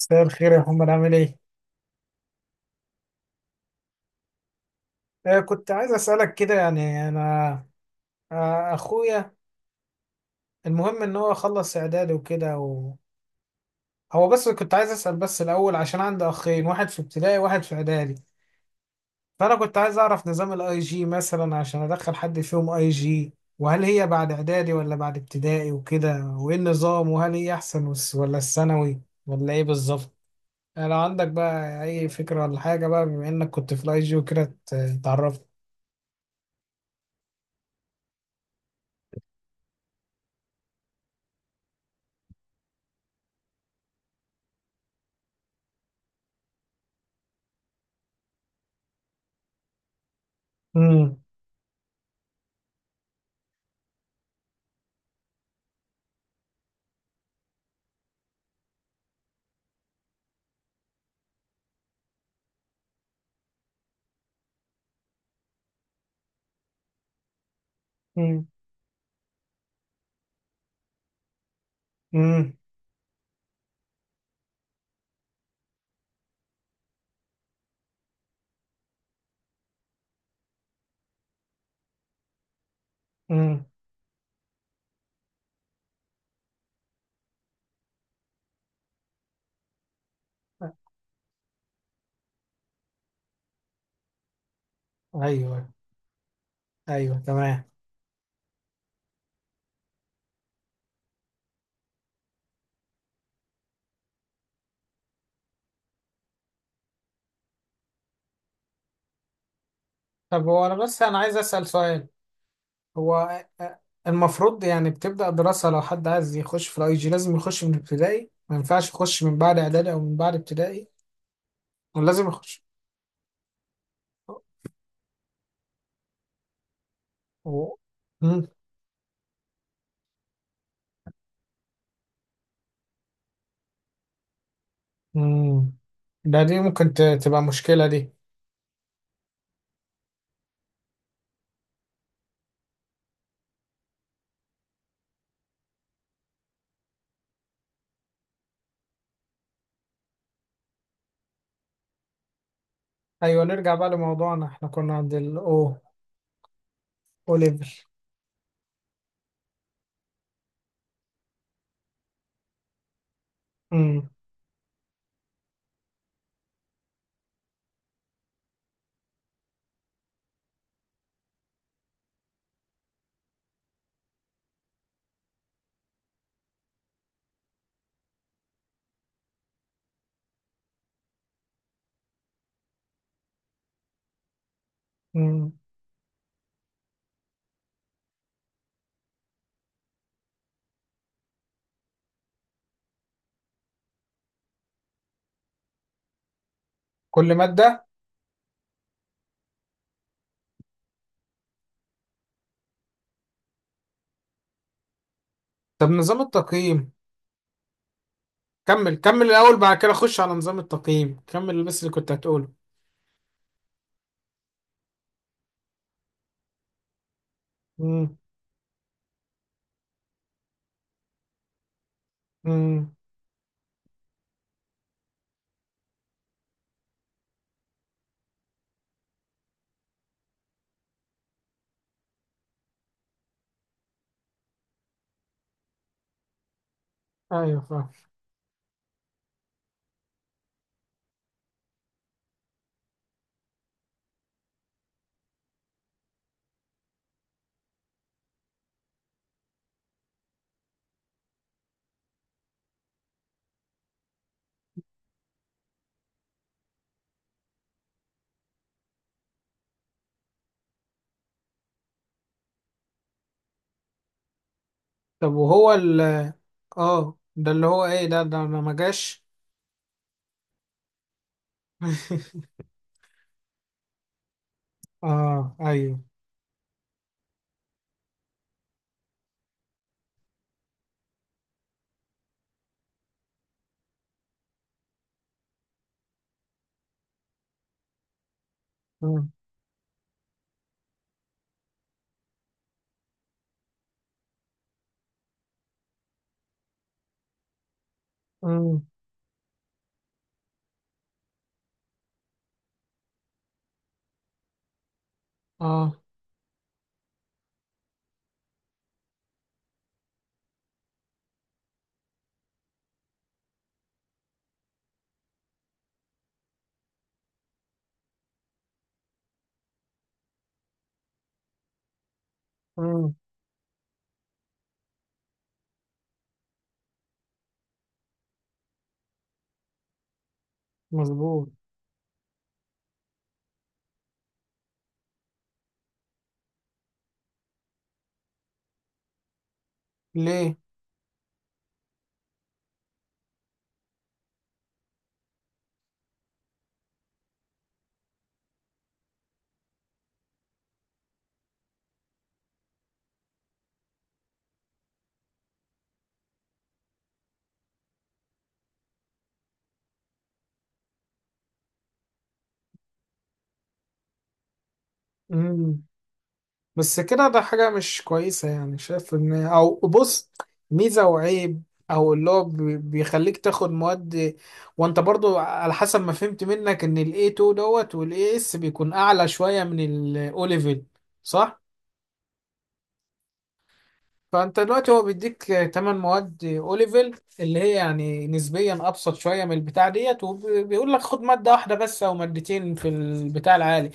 مساء الخير يا محمد، عامل ايه؟ كنت عايز اسألك كده، يعني انا اخويا، المهم ان هو خلص اعدادي وكده هو بس كنت عايز اسأل بس الاول، عشان عندي اخين، واحد في ابتدائي وواحد في اعدادي. فانا كنت عايز اعرف نظام الاي جي مثلا، عشان ادخل حد فيهم اي جي، وهل هي بعد اعدادي ولا بعد ابتدائي وكده، وايه النظام، وهل هي احسن ولا الثانوي، ولا ايه بالظبط؟ آه، لو عندك بقى اي فكرة ولا حاجة، بقى بما انك كنت في الاي جي وكده تعرفني. امم. امم. امم. ايوه، ايوه، تمام. طب، هو انا بس انا عايز اسال سؤال. هو المفروض يعني بتبدا دراسه، لو حد عايز يخش في الاي جي لازم يخش من ابتدائي؟ ما ينفعش يخش من بعد اعدادي او من بعد ابتدائي؟ ولازم يخش و- امم. امم. دي ممكن تبقى مشكله دي. ايوه، نرجع بقى لموضوعنا، احنا كنا عند او ليفل. امم. امم. كل ماده. طب، نظام التقييم. كمل كمل الأول، بعد كده خش على نظام التقييم، كمل بس اللي كنت هتقوله. امم. امم. أيوه، فاهم. طب وهو اه، ده اللي هو ايه؟ ده ما جاش. اه، ايوه. امم. امم. اه. امم. مظبوط. ليه؟ امم. بس كده، ده حاجة مش كويسة يعني. شايف ان او بص، ميزة وعيب. او اللي هو بيخليك تاخد مواد، وانت برضو على حسب ما فهمت منك ان الاي 2 دوت والاي اس بيكون اعلى شوية من الاو ليفل، صح؟ فانت دلوقتي هو بيديك 8 مواد اوليفل، اللي هي يعني نسبيا ابسط شويه من البتاع ديت، وبيقول لك خد ماده واحده بس او مادتين في البتاع العالي.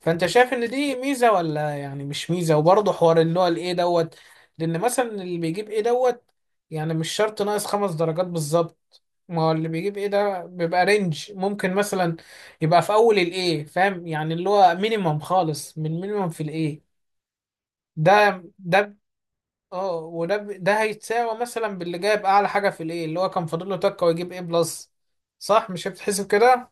فانت شايف ان دي ميزه ولا يعني مش ميزه؟ وبرضه حوار اللي هو الايه دوت، لان مثلا اللي بيجيب ايه دوت يعني مش شرط ناقص 5 درجات بالظبط. ما هو اللي بيجيب ايه ده بيبقى رينج، ممكن مثلا يبقى في اول الايه فاهم، يعني اللي هو مينيمم خالص، من مينيمم في الايه. ده اه، ده هيتساوى مثلا باللي جايب اعلى حاجه في الايه، اللي هو كان فاضل له تكه ويجيب ايه بلس، صح؟ مش هتتحسب كده.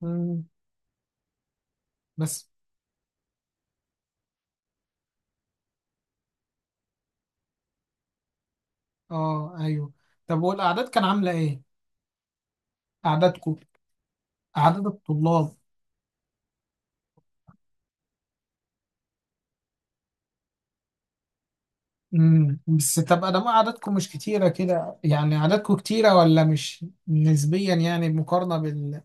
مم. بس، اه، ايوه. طب والاعداد كان عامله ايه؟ اعدادكم؟ اعداد الطلاب. امم. بس تبقى ده اعدادكم مش كتيره كده يعني، اعدادكم كتيره ولا مش نسبيا يعني، مقارنه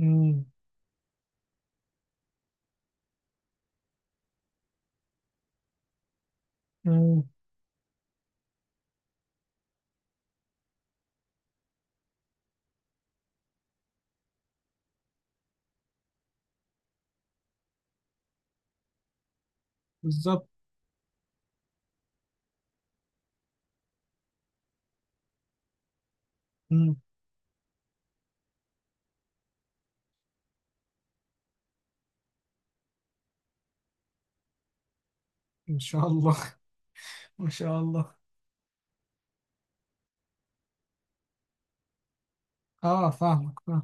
امم. امم. بالظبط. امم. ان شاء الله. ما شاء الله. اه، فاهمك فاهم.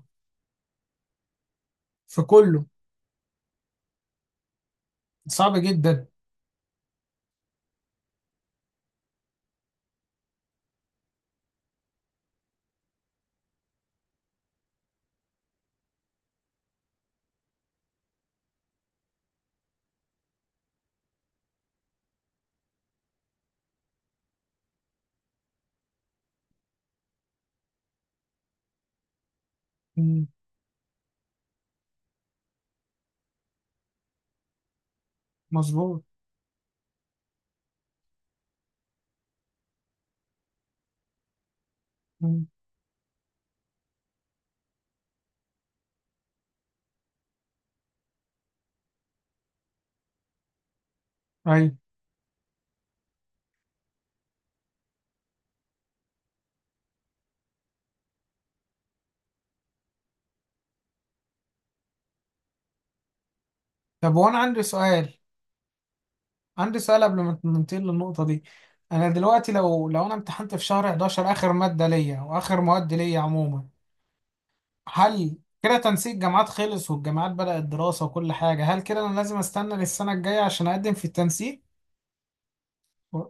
في كله. صعب جدا. امم. مظبوط. مم. أيوة. طب، وأنا عندي سؤال، عندي سؤال قبل ما ننتقل للنقطة دي. أنا دلوقتي لو أنا امتحنت في شهر 11 آخر مادة ليا وآخر مواد ليا عموما، هل كده تنسيق جامعات خلص والجامعات بدأت دراسة وكل حاجة؟ هل كده أنا لازم أستنى للسنة الجاية عشان أقدم في التنسيق؟ و-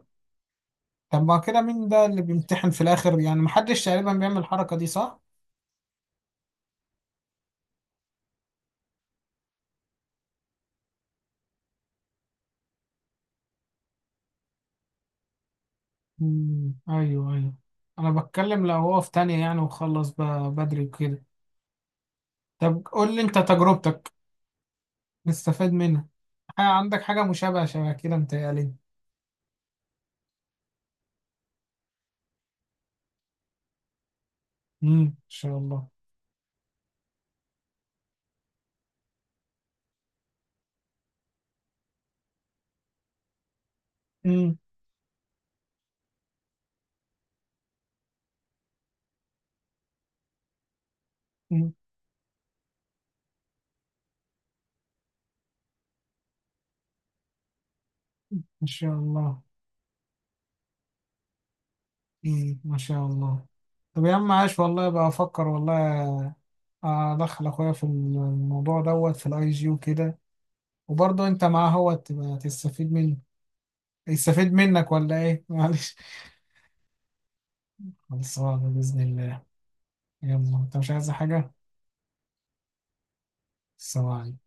طب، ما كده مين ده اللي بيمتحن في الآخر؟ يعني محدش تقريبا بيعمل الحركة دي، صح؟ مم. أيوه، أيوه. أنا بتكلم لو هو في تانية يعني وخلص بقى بدري وكده. طب قول لي أنت تجربتك نستفاد منها. عندك حاجة مشابهة شبه كده متهيألي. امم. إن شاء الله. امم. أمم. إن شاء الله. امم. ما شاء الله. طب يا عم، عاش والله، بقى أفكر والله أدخل أخويا في الموضوع دوت في الأي جي وكده، وبرضه أنت معاه، هو تبقى تستفيد منه، يستفيد منك ولا إيه؟ معلش. خلصانة بإذن الله. يلا، أنت مش عايز حاجة؟ سلام.